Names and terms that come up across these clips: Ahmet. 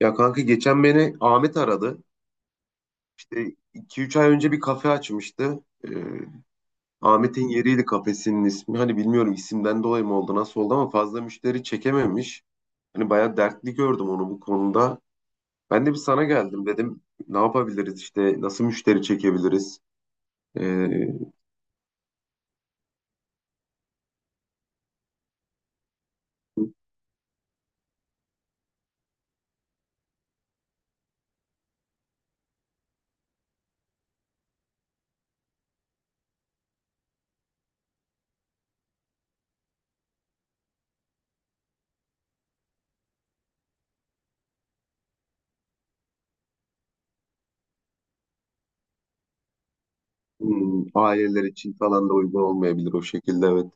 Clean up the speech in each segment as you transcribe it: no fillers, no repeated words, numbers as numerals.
Ya kanka geçen beni Ahmet aradı. İşte iki üç ay önce bir kafe açmıştı. Ee, Ahmet'in yeriydi kafesinin ismi. Hani bilmiyorum isimden dolayı mı oldu nasıl oldu ama fazla müşteri çekememiş. Hani bayağı dertli gördüm onu bu konuda. Ben de bir sana geldim dedim. Ne yapabiliriz işte nasıl müşteri çekebiliriz? Ee, Aileler için falan da uygun olmayabilir o şekilde, evet.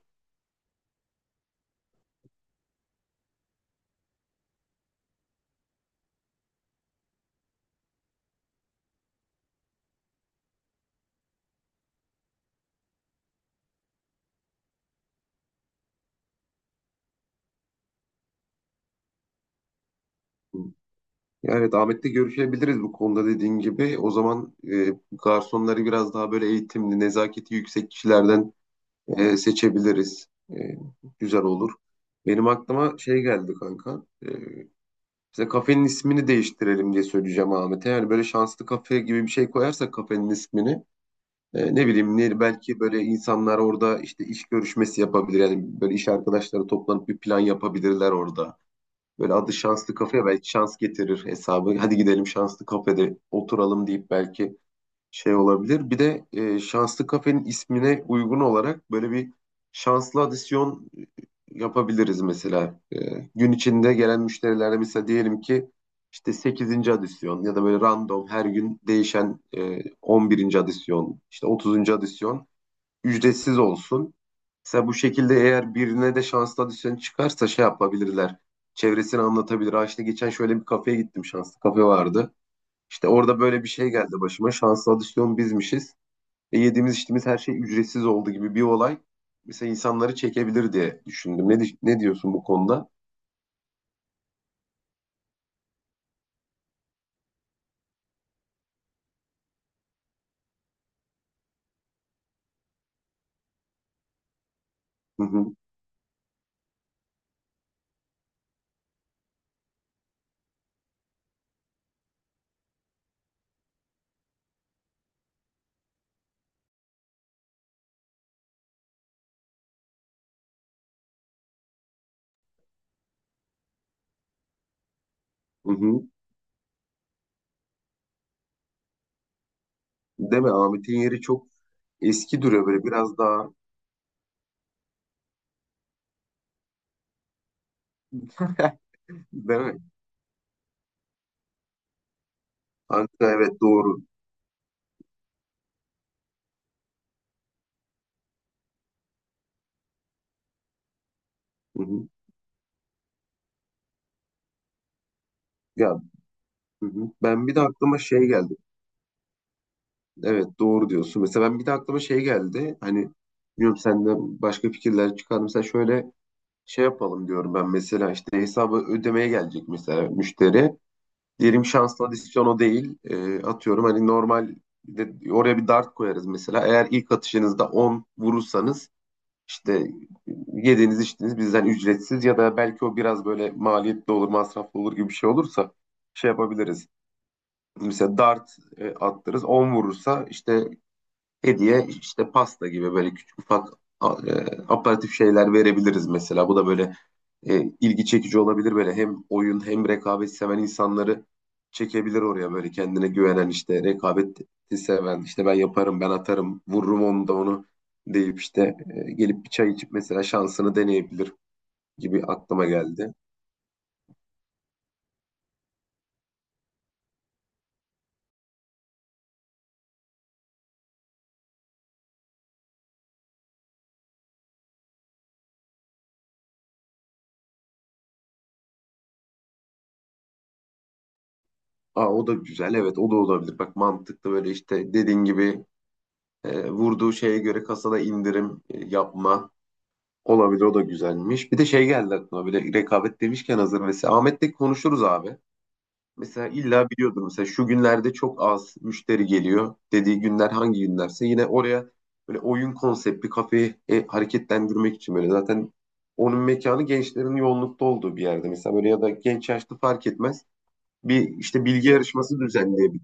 Ya, evet, Ahmet'le görüşebiliriz bu konuda dediğin gibi. O zaman garsonları biraz daha böyle eğitimli, nezaketi yüksek kişilerden seçebiliriz. Güzel olur. Benim aklıma şey geldi kanka. İşte kafenin ismini değiştirelim diye söyleyeceğim Ahmet'e. Yani böyle şanslı kafe gibi bir şey koyarsak kafenin ismini. Ne bileyim, belki böyle insanlar orada işte iş görüşmesi yapabilir. Yani böyle iş arkadaşları toplanıp bir plan yapabilirler orada. Böyle adı şanslı kafe, belki şans getirir hesabı. Hadi gidelim şanslı kafede oturalım deyip belki şey olabilir. Bir de şanslı kafenin ismine uygun olarak böyle bir şanslı adisyon yapabiliriz mesela. Gün içinde gelen müşterilerle mesela diyelim ki işte sekizinci adisyon ya da böyle random her gün değişen 11'inci adisyon, işte 30'uncu adisyon ücretsiz olsun. Mesela bu şekilde, eğer birine de şanslı adisyon çıkarsa şey yapabilirler. Çevresini anlatabilir. Ha işte geçen şöyle bir kafeye gittim. Şanslı kafe vardı. İşte orada böyle bir şey geldi başıma. Şanslı adisyon bizmişiz. Yediğimiz içtiğimiz her şey ücretsiz oldu gibi bir olay. Mesela insanları çekebilir diye düşündüm. Ne diyorsun bu konuda? Hı hı, hı hı. Değil mi? Ahmet'in yeri çok eski duruyor böyle, biraz daha. Değil mi? Anka, evet, doğru. Hı hı. Ya, hı hı. Ben bir de aklıma şey geldi. Evet, doğru diyorsun. Mesela ben bir de aklıma şey geldi. Hani bilmiyorum, senden başka fikirler çıkar. Mesela şöyle şey yapalım diyorum ben. Mesela işte hesabı ödemeye gelecek mesela müşteri. Diyelim şanslı adisyon o değil. Atıyorum hani normal de oraya bir dart koyarız mesela. Eğer ilk atışınızda 10 vurursanız işte yediğiniz içtiğiniz bizden ücretsiz ya da belki o biraz böyle maliyetli olur, masraflı olur gibi bir şey olursa şey yapabiliriz. Mesela dart attırız. 10 vurursa işte hediye, işte pasta gibi böyle küçük ufak a- e, aparatif şeyler verebiliriz mesela. Bu da böyle ilgi çekici olabilir, böyle hem oyun hem rekabet seven insanları çekebilir oraya. Böyle kendine güvenen, işte rekabeti seven, işte ben yaparım, ben atarım, vururum onu da onu deyip işte gelip bir çay içip mesela şansını deneyebilir gibi aklıma geldi. Aa, o da güzel. Evet, o da olabilir. Bak mantıklı, böyle işte dediğin gibi vurduğu şeye göre kasada indirim yapma olabilir. O da güzelmiş. Bir de şey geldi aklıma, böyle rekabet demişken hazır, mesela Ahmet'le konuşuruz abi. Mesela illa biliyordur, mesela şu günlerde çok az müşteri geliyor dediği günler hangi günlerse yine oraya böyle oyun konseptli kafeyi hareketlendirmek için, böyle zaten onun mekanı gençlerin yoğunlukta olduğu bir yerde, mesela böyle ya da genç yaşlı fark etmez bir işte bilgi yarışması düzenleyebiliriz.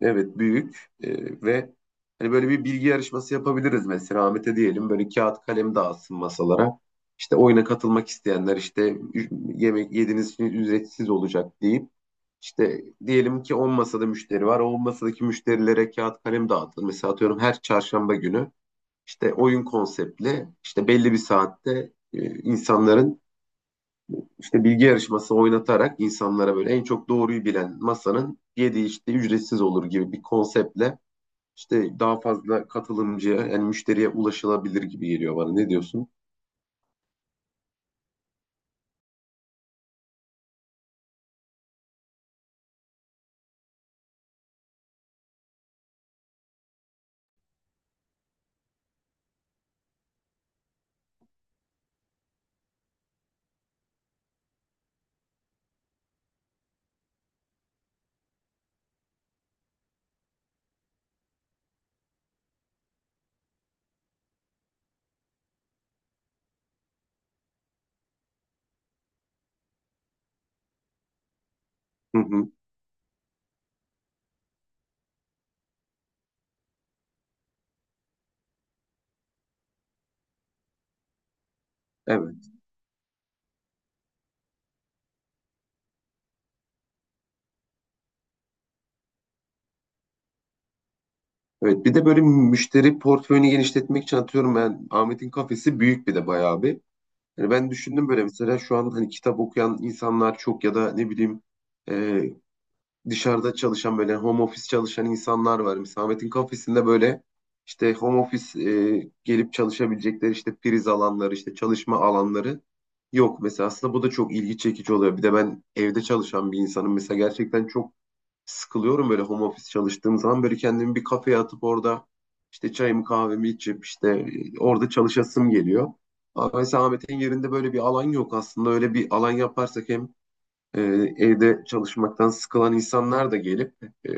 Evet, büyük. Ve hani böyle bir bilgi yarışması yapabiliriz mesela, Ahmet'e diyelim böyle kağıt kalem dağıtsın masalara. İşte oyuna katılmak isteyenler işte yemek yediğiniz için ücretsiz olacak deyip işte diyelim ki 10 masada müşteri var. O 10 masadaki müşterilere kağıt kalem dağıtılır. Mesela atıyorum her çarşamba günü işte oyun konseptli, işte belli bir saatte insanların işte bilgi yarışması oynatarak, insanlara böyle en çok doğruyu bilen masanın yediği işte ücretsiz olur gibi bir konseptle işte daha fazla katılımcıya, yani müşteriye ulaşılabilir gibi geliyor bana. Ne diyorsun? Hı hı. Evet. Evet. Bir de böyle müşteri portföyünü genişletmek için, atıyorum, ben Ahmet'in kafesi büyük bir de bayağı bir. Yani ben düşündüm böyle, mesela şu an hani kitap okuyan insanlar çok ya da ne bileyim e, dışarıda çalışan, böyle home office çalışan insanlar var. Mesela Ahmet'in kafesinde böyle işte home office gelip çalışabilecekleri işte priz alanları, işte çalışma alanları yok. Mesela aslında bu da çok ilgi çekici oluyor. Bir de ben evde çalışan bir insanım. Mesela gerçekten çok sıkılıyorum böyle home office çalıştığım zaman. Böyle kendimi bir kafeye atıp orada işte çayımı kahvemi içip işte orada çalışasım geliyor. Ama mesela Ahmet'in yerinde böyle bir alan yok aslında. Öyle bir alan yaparsak hem e, evde çalışmaktan sıkılan insanlar da gelip e,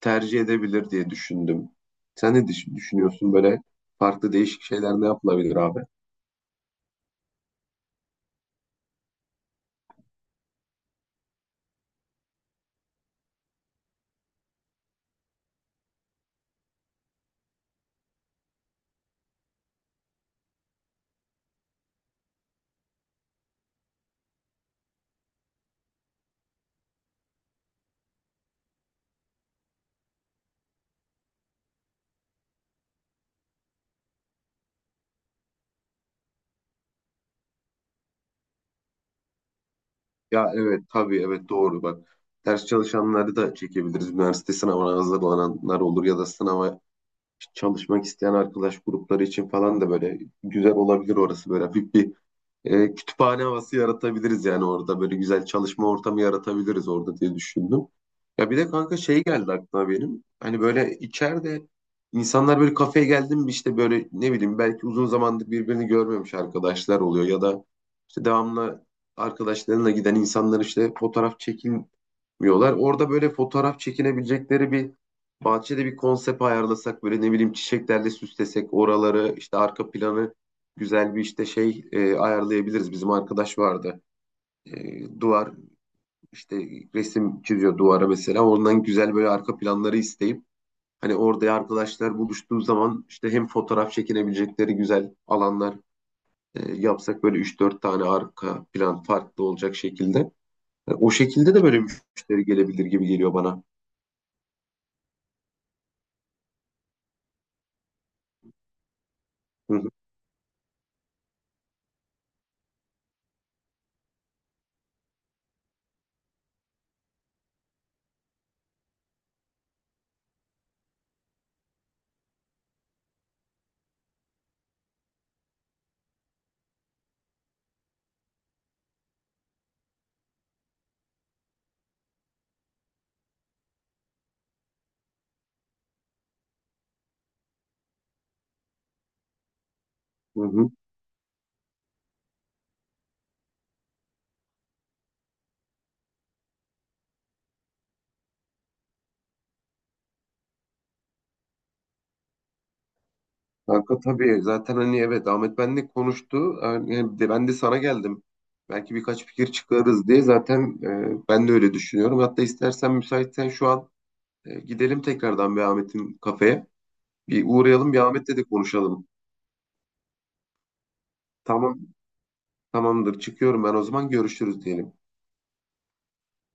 tercih edebilir diye düşündüm. Sen ne düşünüyorsun, böyle farklı değişik şeyler ne yapılabilir abi? Ya evet, tabii, evet doğru bak. Ders çalışanları da çekebiliriz. Üniversite sınavına hazırlananlar olur ya da sınava çalışmak isteyen arkadaş grupları için falan da böyle güzel olabilir orası. Böyle hafif bir kütüphane havası yaratabiliriz yani orada, böyle güzel çalışma ortamı yaratabiliriz orada diye düşündüm. Ya bir de kanka şey geldi aklıma benim. Hani böyle içeride insanlar böyle kafeye geldi mi işte, böyle ne bileyim belki uzun zamandır birbirini görmemiş arkadaşlar oluyor ya da işte devamlı arkadaşlarına giden insanlar işte fotoğraf çekinmiyorlar. Orada böyle fotoğraf çekinebilecekleri bir, bahçede bir konsept ayarlasak, böyle ne bileyim çiçeklerle süslesek oraları, işte arka planı güzel bir işte şey ayarlayabiliriz. Bizim arkadaş vardı. Duvar işte resim çiziyor duvara mesela. Ondan güzel böyle arka planları isteyip, hani orada arkadaşlar buluştuğu zaman işte hem fotoğraf çekinebilecekleri güzel alanlar yapsak, böyle üç dört tane arka plan farklı olacak şekilde. O şekilde de böyle müşteri gelebilir gibi geliyor bana. Hı hı. Hı hı. Kanka tabii zaten hani, evet, Ahmet benle konuştu. Yani ben de sana geldim. Belki birkaç fikir çıkarız diye, zaten ben de öyle düşünüyorum. Hatta istersen, müsaitsen şu an gidelim tekrardan bir Ahmet'in kafeye. Bir uğrayalım, bir Ahmet'le de konuşalım. Tamam, tamamdır, çıkıyorum ben. O zaman görüşürüz diyelim.